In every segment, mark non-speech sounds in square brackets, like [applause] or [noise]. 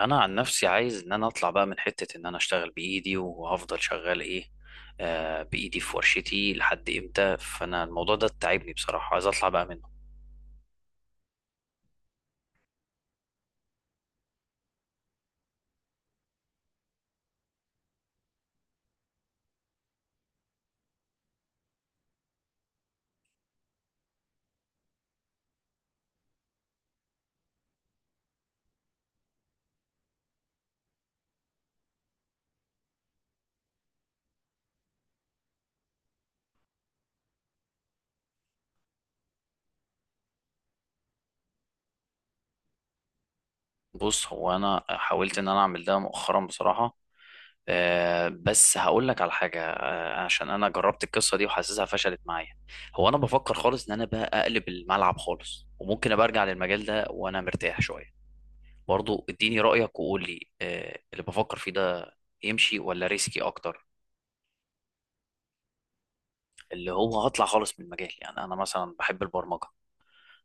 انا عن نفسي عايز ان انا اطلع بقى من حتة ان انا اشتغل بايدي، وهفضل شغال ايه؟ آه بايدي في ورشتي لحد امتى؟ فانا الموضوع ده تعبني بصراحة، عايز اطلع بقى منه. بص، هو انا حاولت ان انا اعمل ده مؤخرا بصراحة. بس هقول لك على حاجة، عشان انا جربت القصة دي وحاسسها فشلت معايا. هو انا بفكر خالص ان انا بقى اقلب الملعب خالص، وممكن ابقى ارجع للمجال ده وانا مرتاح شوية. برضو اديني رأيك وقول لي اللي بفكر فيه ده يمشي ولا ريسكي اكتر؟ اللي هو هطلع خالص من المجال، يعني انا مثلا بحب البرمجه.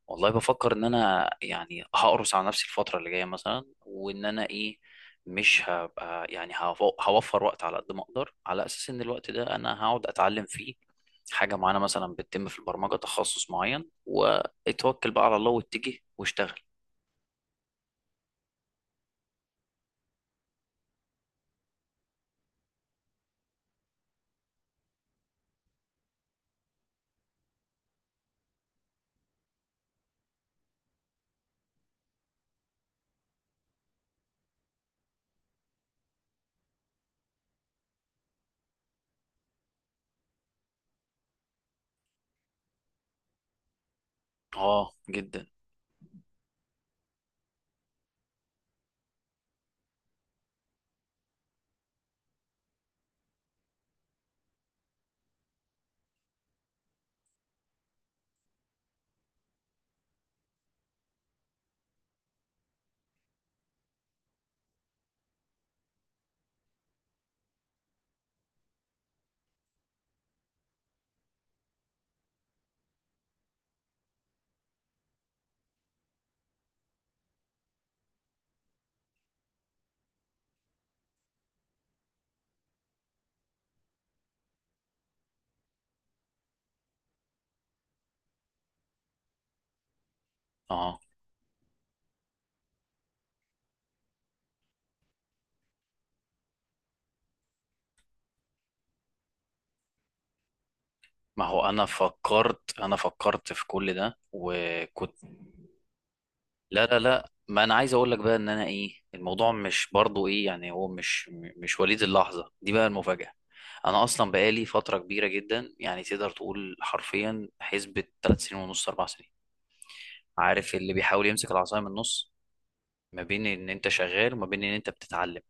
والله بفكر ان انا يعني هقرص على نفسي الفتره اللي جايه مثلا، وان انا ايه، مش هبقى يعني هوفر وقت على قد ما اقدر، على اساس ان الوقت ده انا هقعد اتعلم فيه حاجه معينه مثلا بتتم في البرمجه، تخصص معين، واتوكل بقى على الله واتجه واشتغل. اه جدا. اه، ما هو انا فكرت في كل ده وكنت، لا لا لا، ما انا عايز اقول لك بقى ان انا ايه، الموضوع مش برضو ايه يعني، هو مش وليد اللحظة دي بقى المفاجأة. انا اصلا بقالي فترة كبيرة جدا، يعني تقدر تقول حرفيا حسبة 3 سنين ونص، 4 سنين. عارف اللي بيحاول يمسك العصاية من النص، ما بين ان انت شغال وما بين ان انت بتتعلم؟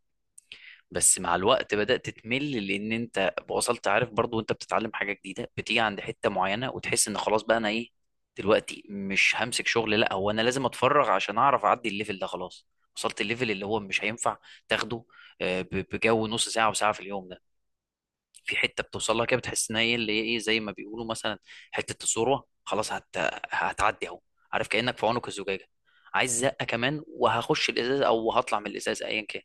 بس مع الوقت بدأت تمل، لأن أنت وصلت، عارف، برضو وأنت بتتعلم حاجة جديدة بتيجي عند حتة معينة وتحس إن خلاص بقى أنا إيه، دلوقتي مش همسك شغل لا، هو أنا لازم أتفرغ عشان أعرف أعدي الليفل ده. خلاص وصلت الليفل اللي هو مش هينفع تاخده. آه، ب- بجو نص ساعة وساعة في اليوم ده في حتة بتوصل لها كده، بتحس إن هي اللي هي إيه، زي ما بيقولوا مثلا حتة الثروة، خلاص هتعدي أهو. عارف كأنك في عنق الزجاجة، عايز زقة كمان وهخش الإزاز أو هطلع من الإزاز أيا كان.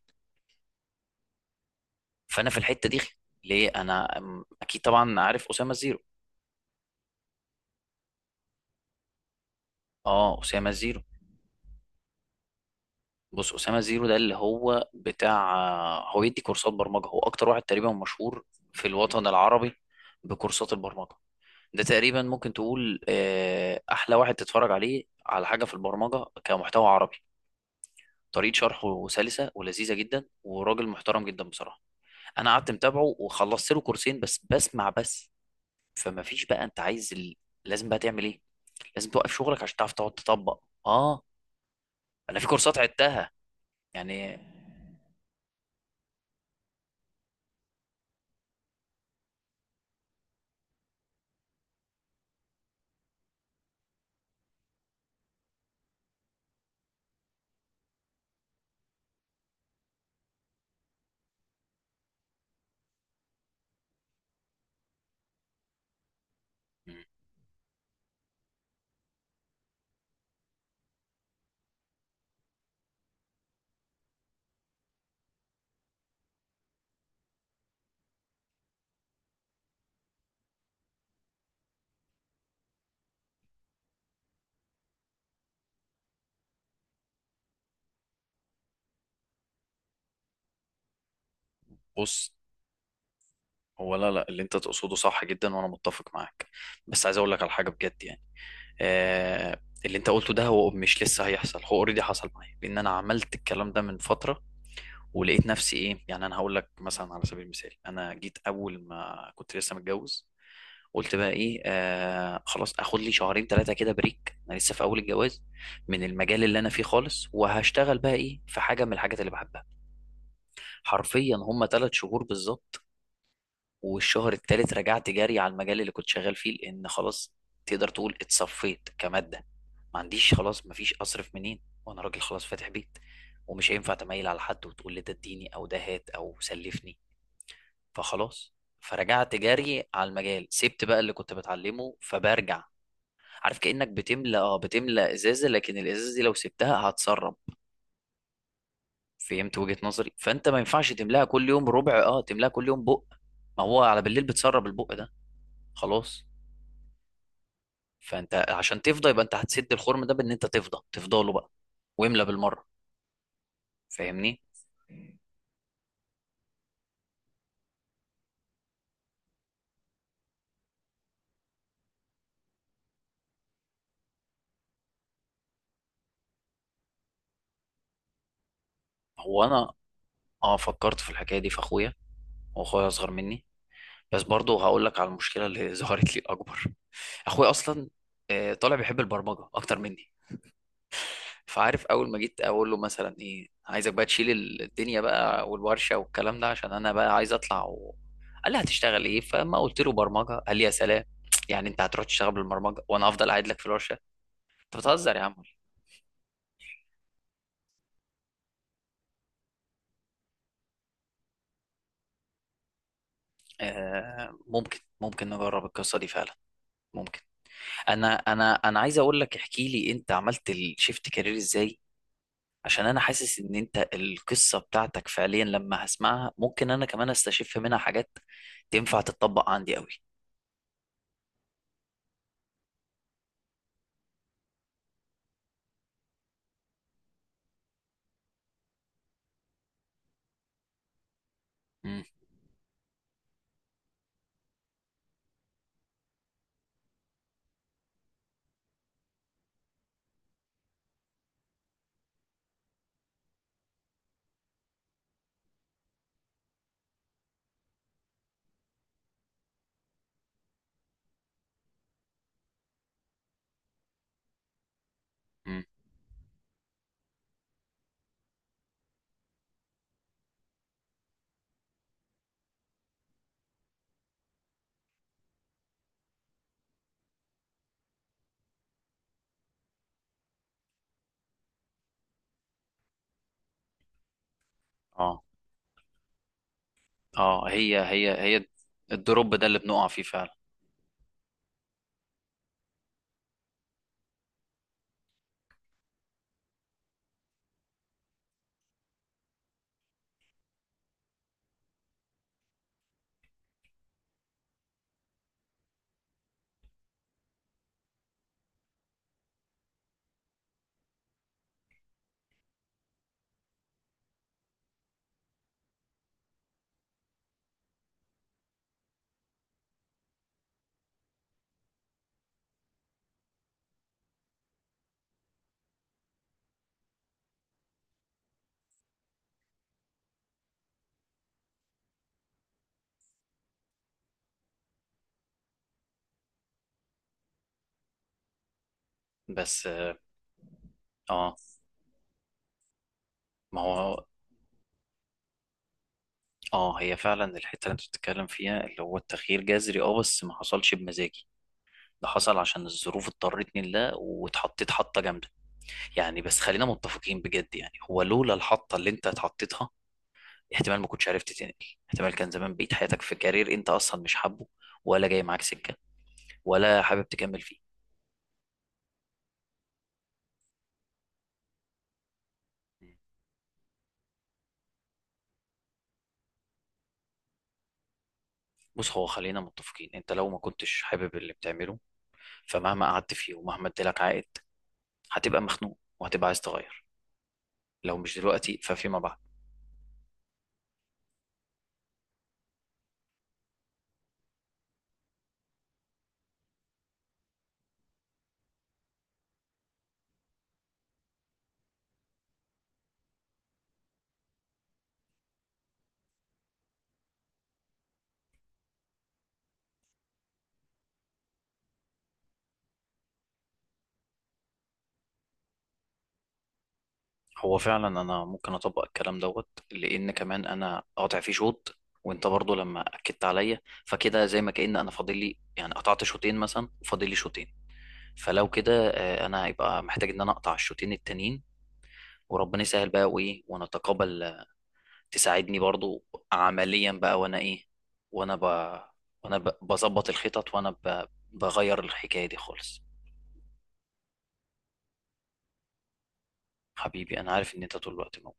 فانا في الحته دي، ليه انا اكيد طبعا عارف اسامه زيرو؟ اه، اسامه زيرو. بص، اسامه زيرو ده اللي هو بتاع، هو يدي كورسات برمجه، هو اكتر واحد تقريبا مشهور في الوطن العربي بكورسات البرمجه. ده تقريبا ممكن تقول احلى واحد تتفرج عليه على حاجه في البرمجه كمحتوى عربي. طريقه شرحه سلسه ولذيذه جدا، وراجل محترم جدا بصراحه. انا قعدت متابعه وخلصت له كورسين، بس بسمع بس. فما فيش بقى، انت عايز لازم بقى تعمل ايه، لازم توقف شغلك عشان تعرف تقعد تطبق. اه، انا في كورسات عدتها يعني. مم. بص، هو لا لا، اللي انت تقصده صح جدا وانا متفق معاك، بس عايز اقول لك على حاجه بجد يعني. اللي انت قلته ده هو مش لسه هيحصل، هو اوريدي حصل معايا لان انا عملت الكلام ده من فتره، ولقيت نفسي ايه. يعني انا هقول لك مثلا على سبيل المثال، انا جيت اول ما كنت لسه متجوز، قلت بقى ايه، خلاص اخد لي شهرين ثلاثه كده بريك، انا لسه في اول الجواز، من المجال اللي انا فيه خالص، وهشتغل بقى ايه في حاجه من الحاجات اللي بحبها. حرفيا هم 3 شهور بالظبط، والشهر الثالث رجعت جري على المجال اللي كنت شغال فيه، لان خلاص، تقدر تقول اتصفيت كماده، ما عنديش خلاص، ما فيش اصرف منين، وانا راجل خلاص فاتح بيت، ومش هينفع تميل على حد وتقول لي ده اديني او ده هات او سلفني. فخلاص، فرجعت جري على المجال، سبت بقى اللي كنت بتعلمه فبرجع. عارف كأنك بتملى، اه، بتملى ازازة، لكن الازازة دي لو سبتها هتسرب. فهمت وجهة نظري؟ فانت ما ينفعش تملاها كل يوم ربع، اه، تملاها كل يوم بق، ما هو على بالليل بتسرب البق ده، خلاص. فانت عشان تفضى، يبقى انت هتسد الخرم ده بان انت تفضى تفضله بقى واملى بالمرة. فاهمني؟ هو انا، اه، فكرت في الحكاية دي في اخويا، واخويا اصغر مني، بس برضه هقول لك على المشكلة اللي [laughs] ظهرت لي اكبر. اخويا اصلا طالع بيحب البرمجه اكتر مني. فعارف اول ما جيت اقول له مثلا ايه، عايزك بقى تشيل الدنيا بقى والورشه والكلام ده عشان انا بقى عايز اطلع قال لي هتشتغل ايه، فما قلت له برمجه، قال لي يا سلام، يعني انت هتروح تشتغل بالبرمجه وانا هفضل قاعد لك في الورشه، انت بتهزر يا عم. آه ممكن نجرب القصه دي فعلا، ممكن. انا عايز اقول لك، احكي لي انت عملت الشيفت كارير ازاي، عشان انا حاسس ان انت القصه بتاعتك فعليا لما هسمعها ممكن انا كمان استشف منها حاجات تنفع تتطبق عندي قوي. امم. امم. اه. اه، هي الدروب ده اللي بنقع فيه فعلا. بس، اه. ما هو، اه، هي فعلا الحته اللي انت بتتكلم فيها اللي هو التغيير جذري، اه، بس ما حصلش بمزاجي، ده حصل عشان الظروف اضطرتني لده، واتحطيت حطه جامده يعني. بس خلينا متفقين بجد يعني، هو لولا الحطه اللي انت اتحطيتها، احتمال ما كنتش عرفت تنقل، احتمال كان زمان بقيت حياتك في كارير انت اصلا مش حابه، ولا جاي معاك سكه، ولا حابب تكمل فيه. بص، هو خلينا متفقين، انت لو ما كنتش حابب اللي بتعمله، فمهما قعدت فيه ومهما ادالك عائد، هتبقى مخنوق وهتبقى عايز تغير، لو مش دلوقتي ففيما بعد. هو فعلا انا ممكن اطبق الكلام دوت، لان كمان انا قاطع فيه شوط، وانت برضه لما اكدت عليا، فكده زي ما كأن انا فاضل لي يعني، قطعت شوطين مثلا وفاضل لي شوطين. فلو كده انا هيبقى محتاج ان انا اقطع الشوطين التانيين وربنا يسهل بقى، وايه، ونتقابل، تساعدني برضو عمليا بقى، وانا ايه، وانا ب... بظبط الخطط، بغير الحكاية دي خالص. حبيبي انا عارف ان انت طول الوقت موجود.